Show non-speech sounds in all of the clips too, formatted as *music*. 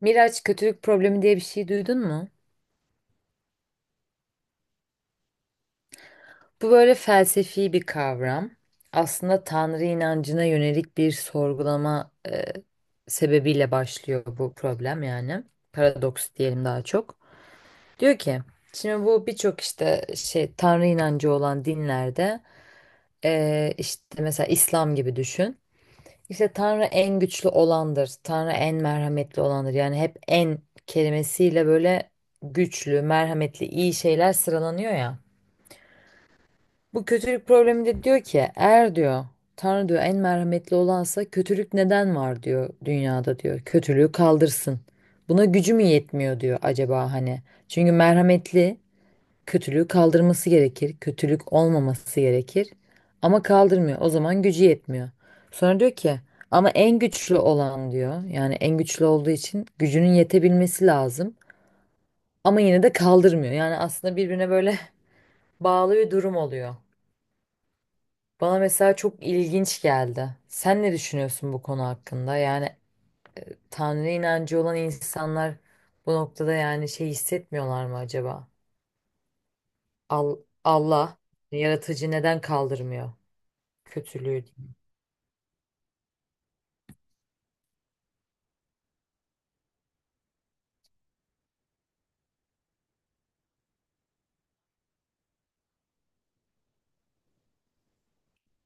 Miraç kötülük problemi diye bir şey duydun mu? Bu böyle felsefi bir kavram. Aslında Tanrı inancına yönelik bir sorgulama sebebiyle başlıyor bu problem yani. Paradoks diyelim daha çok. Diyor ki, şimdi bu birçok işte şey Tanrı inancı olan dinlerde işte mesela İslam gibi düşün. İşte Tanrı en güçlü olandır, Tanrı en merhametli olandır. Yani hep en kelimesiyle böyle güçlü, merhametli, iyi şeyler sıralanıyor ya. Bu kötülük problemi de diyor ki eğer diyor Tanrı diyor en merhametli olansa kötülük neden var diyor dünyada diyor. Kötülüğü kaldırsın. Buna gücü mü yetmiyor diyor acaba hani. Çünkü merhametli kötülüğü kaldırması gerekir. Kötülük olmaması gerekir. Ama kaldırmıyor. O zaman gücü yetmiyor. Sonra diyor ki ama en güçlü olan diyor. Yani en güçlü olduğu için gücünün yetebilmesi lazım. Ama yine de kaldırmıyor. Yani aslında birbirine böyle *laughs* bağlı bir durum oluyor. Bana mesela çok ilginç geldi. Sen ne düşünüyorsun bu konu hakkında? Yani Tanrı inancı olan insanlar bu noktada yani şey hissetmiyorlar mı acaba? Al- Allah yaratıcı neden kaldırmıyor kötülüğü?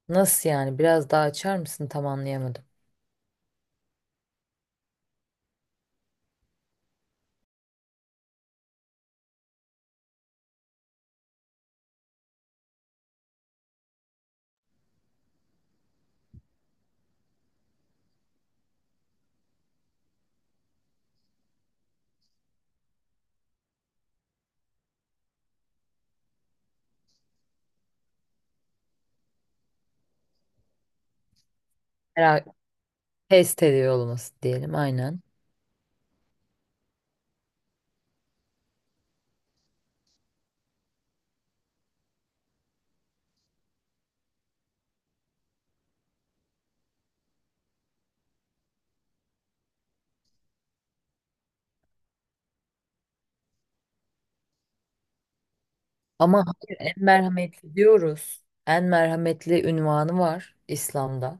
Nasıl yani? Biraz daha açar mısın? Tam anlayamadım. Merak, test ediyor olması diyelim aynen. Ama hayır en merhametli diyoruz. En merhametli unvanı var İslam'da.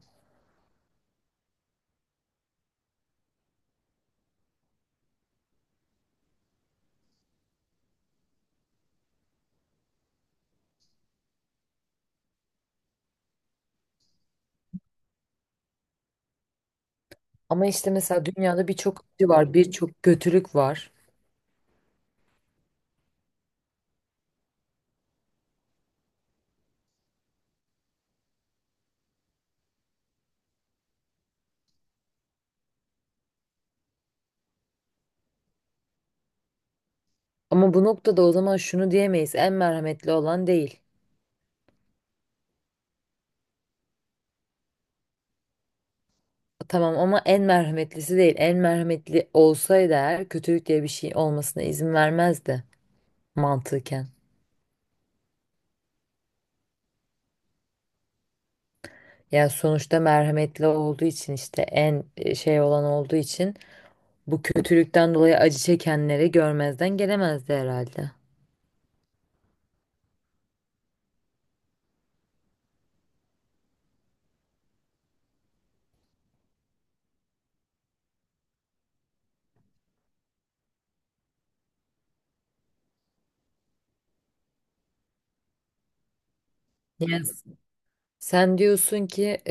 Ama işte mesela dünyada birçok acı var, birçok kötülük var. Ama bu noktada o zaman şunu diyemeyiz. En merhametli olan değil. Tamam ama en merhametlisi değil. En merhametli olsaydı eğer kötülük diye bir şey olmasına izin vermezdi mantıken. Yani sonuçta merhametli olduğu için işte en şey olan olduğu için bu kötülükten dolayı acı çekenleri görmezden gelemezdi herhalde. Yani sen diyorsun ki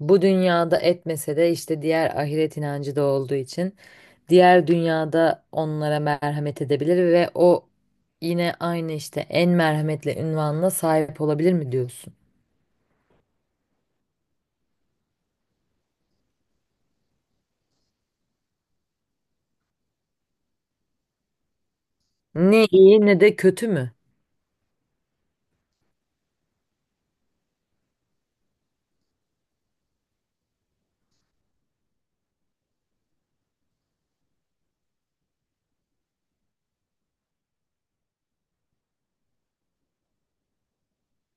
bu dünyada etmese de işte diğer ahiret inancı da olduğu için diğer dünyada onlara merhamet edebilir ve o yine aynı işte en merhametli ünvanına sahip olabilir mi diyorsun? Ne iyi ne de kötü mü?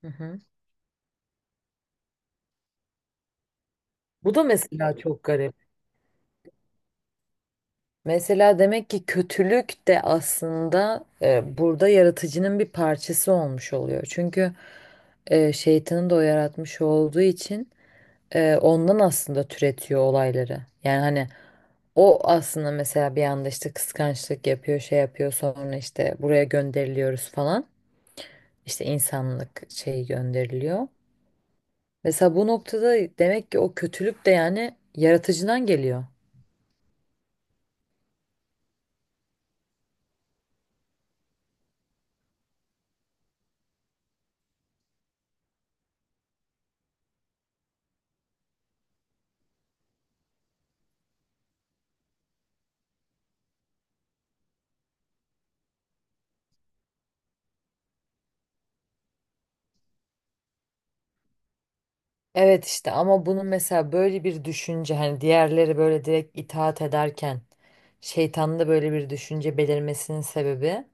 Hı hı. Bu da mesela çok garip. Mesela demek ki kötülük de aslında burada yaratıcının bir parçası olmuş oluyor. Çünkü şeytanın da o yaratmış olduğu için ondan aslında türetiyor olayları. Yani hani o aslında mesela bir anda işte kıskançlık yapıyor, şey yapıyor sonra işte buraya gönderiliyoruz falan. İşte insanlık şeyi gönderiliyor. Mesela bu noktada demek ki o kötülük de yani yaratıcıdan geliyor. Evet işte ama bunun mesela böyle bir düşünce hani diğerleri böyle direkt itaat ederken şeytanda böyle bir düşünce belirmesinin sebebi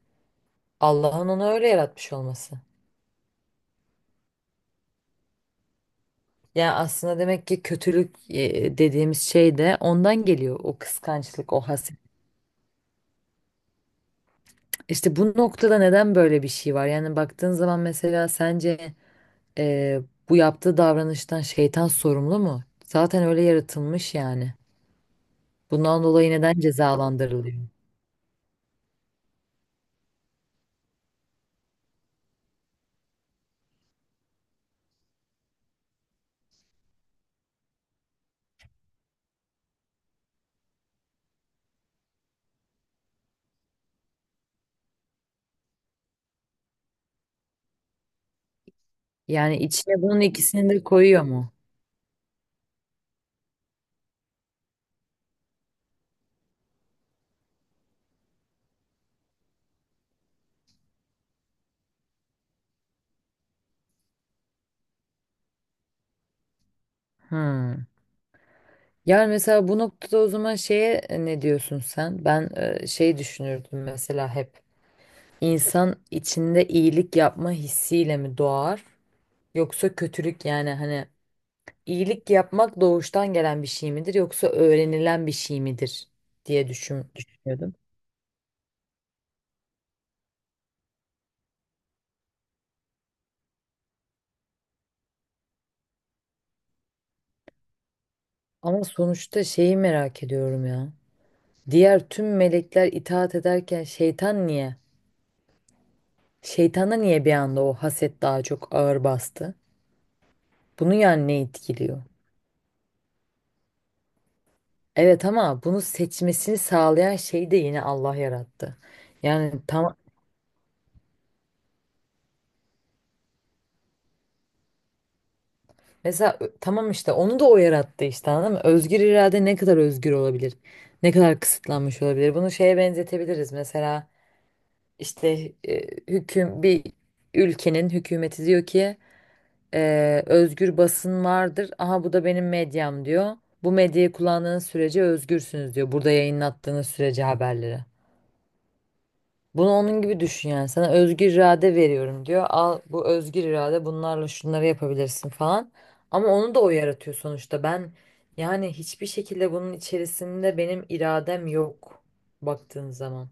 Allah'ın onu öyle yaratmış olması. Ya aslında demek ki kötülük dediğimiz şey de ondan geliyor o kıskançlık, o haset. İşte bu noktada neden böyle bir şey var? Yani baktığın zaman mesela sence e, bu yaptığı davranıştan şeytan sorumlu mu? Zaten öyle yaratılmış yani. Bundan dolayı neden cezalandırılıyor? Yani içine bunun ikisini de koyuyor mu? Hmm. Yani mesela bu noktada o zaman şeye ne diyorsun sen? Ben şey düşünürdüm mesela hep. İnsan içinde iyilik yapma hissiyle mi doğar? Yoksa kötülük yani hani iyilik yapmak doğuştan gelen bir şey midir yoksa öğrenilen bir şey midir diye düşünüyordum. Ama sonuçta şeyi merak ediyorum ya. Diğer tüm melekler itaat ederken şeytan niye? Şeytana niye bir anda o haset daha çok ağır bastı? Bunu yani ne etkiliyor? Evet ama bunu seçmesini sağlayan şey de yine Allah yarattı. Yani tam Mesela tamam işte onu da o yarattı işte anladın mı? Özgür irade ne kadar özgür olabilir? Ne kadar kısıtlanmış olabilir? Bunu şeye benzetebiliriz. Mesela işte e, bir ülkenin hükümeti diyor ki özgür basın vardır. Aha bu da benim medyam diyor. Bu medyayı kullandığınız sürece özgürsünüz diyor. Burada yayınlattığınız sürece haberleri. Bunu onun gibi düşün yani. Sana özgür irade veriyorum diyor. Al bu özgür irade bunlarla şunları yapabilirsin falan. Ama onu da o yaratıyor sonuçta. Ben yani hiçbir şekilde bunun içerisinde benim iradem yok baktığın zaman.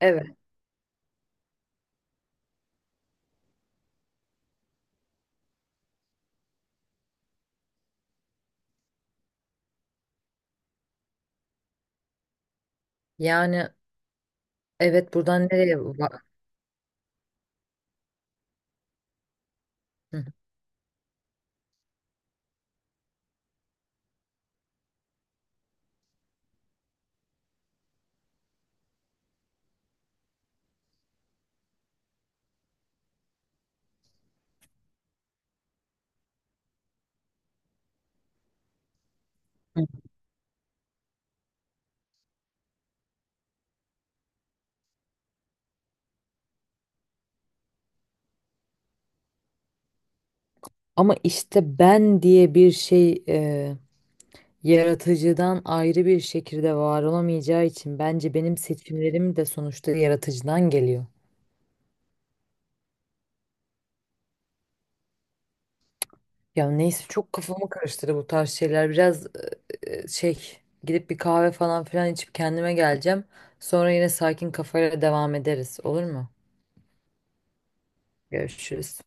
Evet. Yani evet buradan nereye bak. Hı. Hı. Ama işte ben diye bir şey yaratıcıdan ayrı bir şekilde var olamayacağı için bence benim seçimlerim de sonuçta yaratıcıdan geliyor. Ya neyse çok kafamı karıştırdı bu tarz şeyler. Biraz şey gidip bir kahve falan filan içip kendime geleceğim. Sonra yine sakin kafayla devam ederiz. Olur mu? Görüşürüz.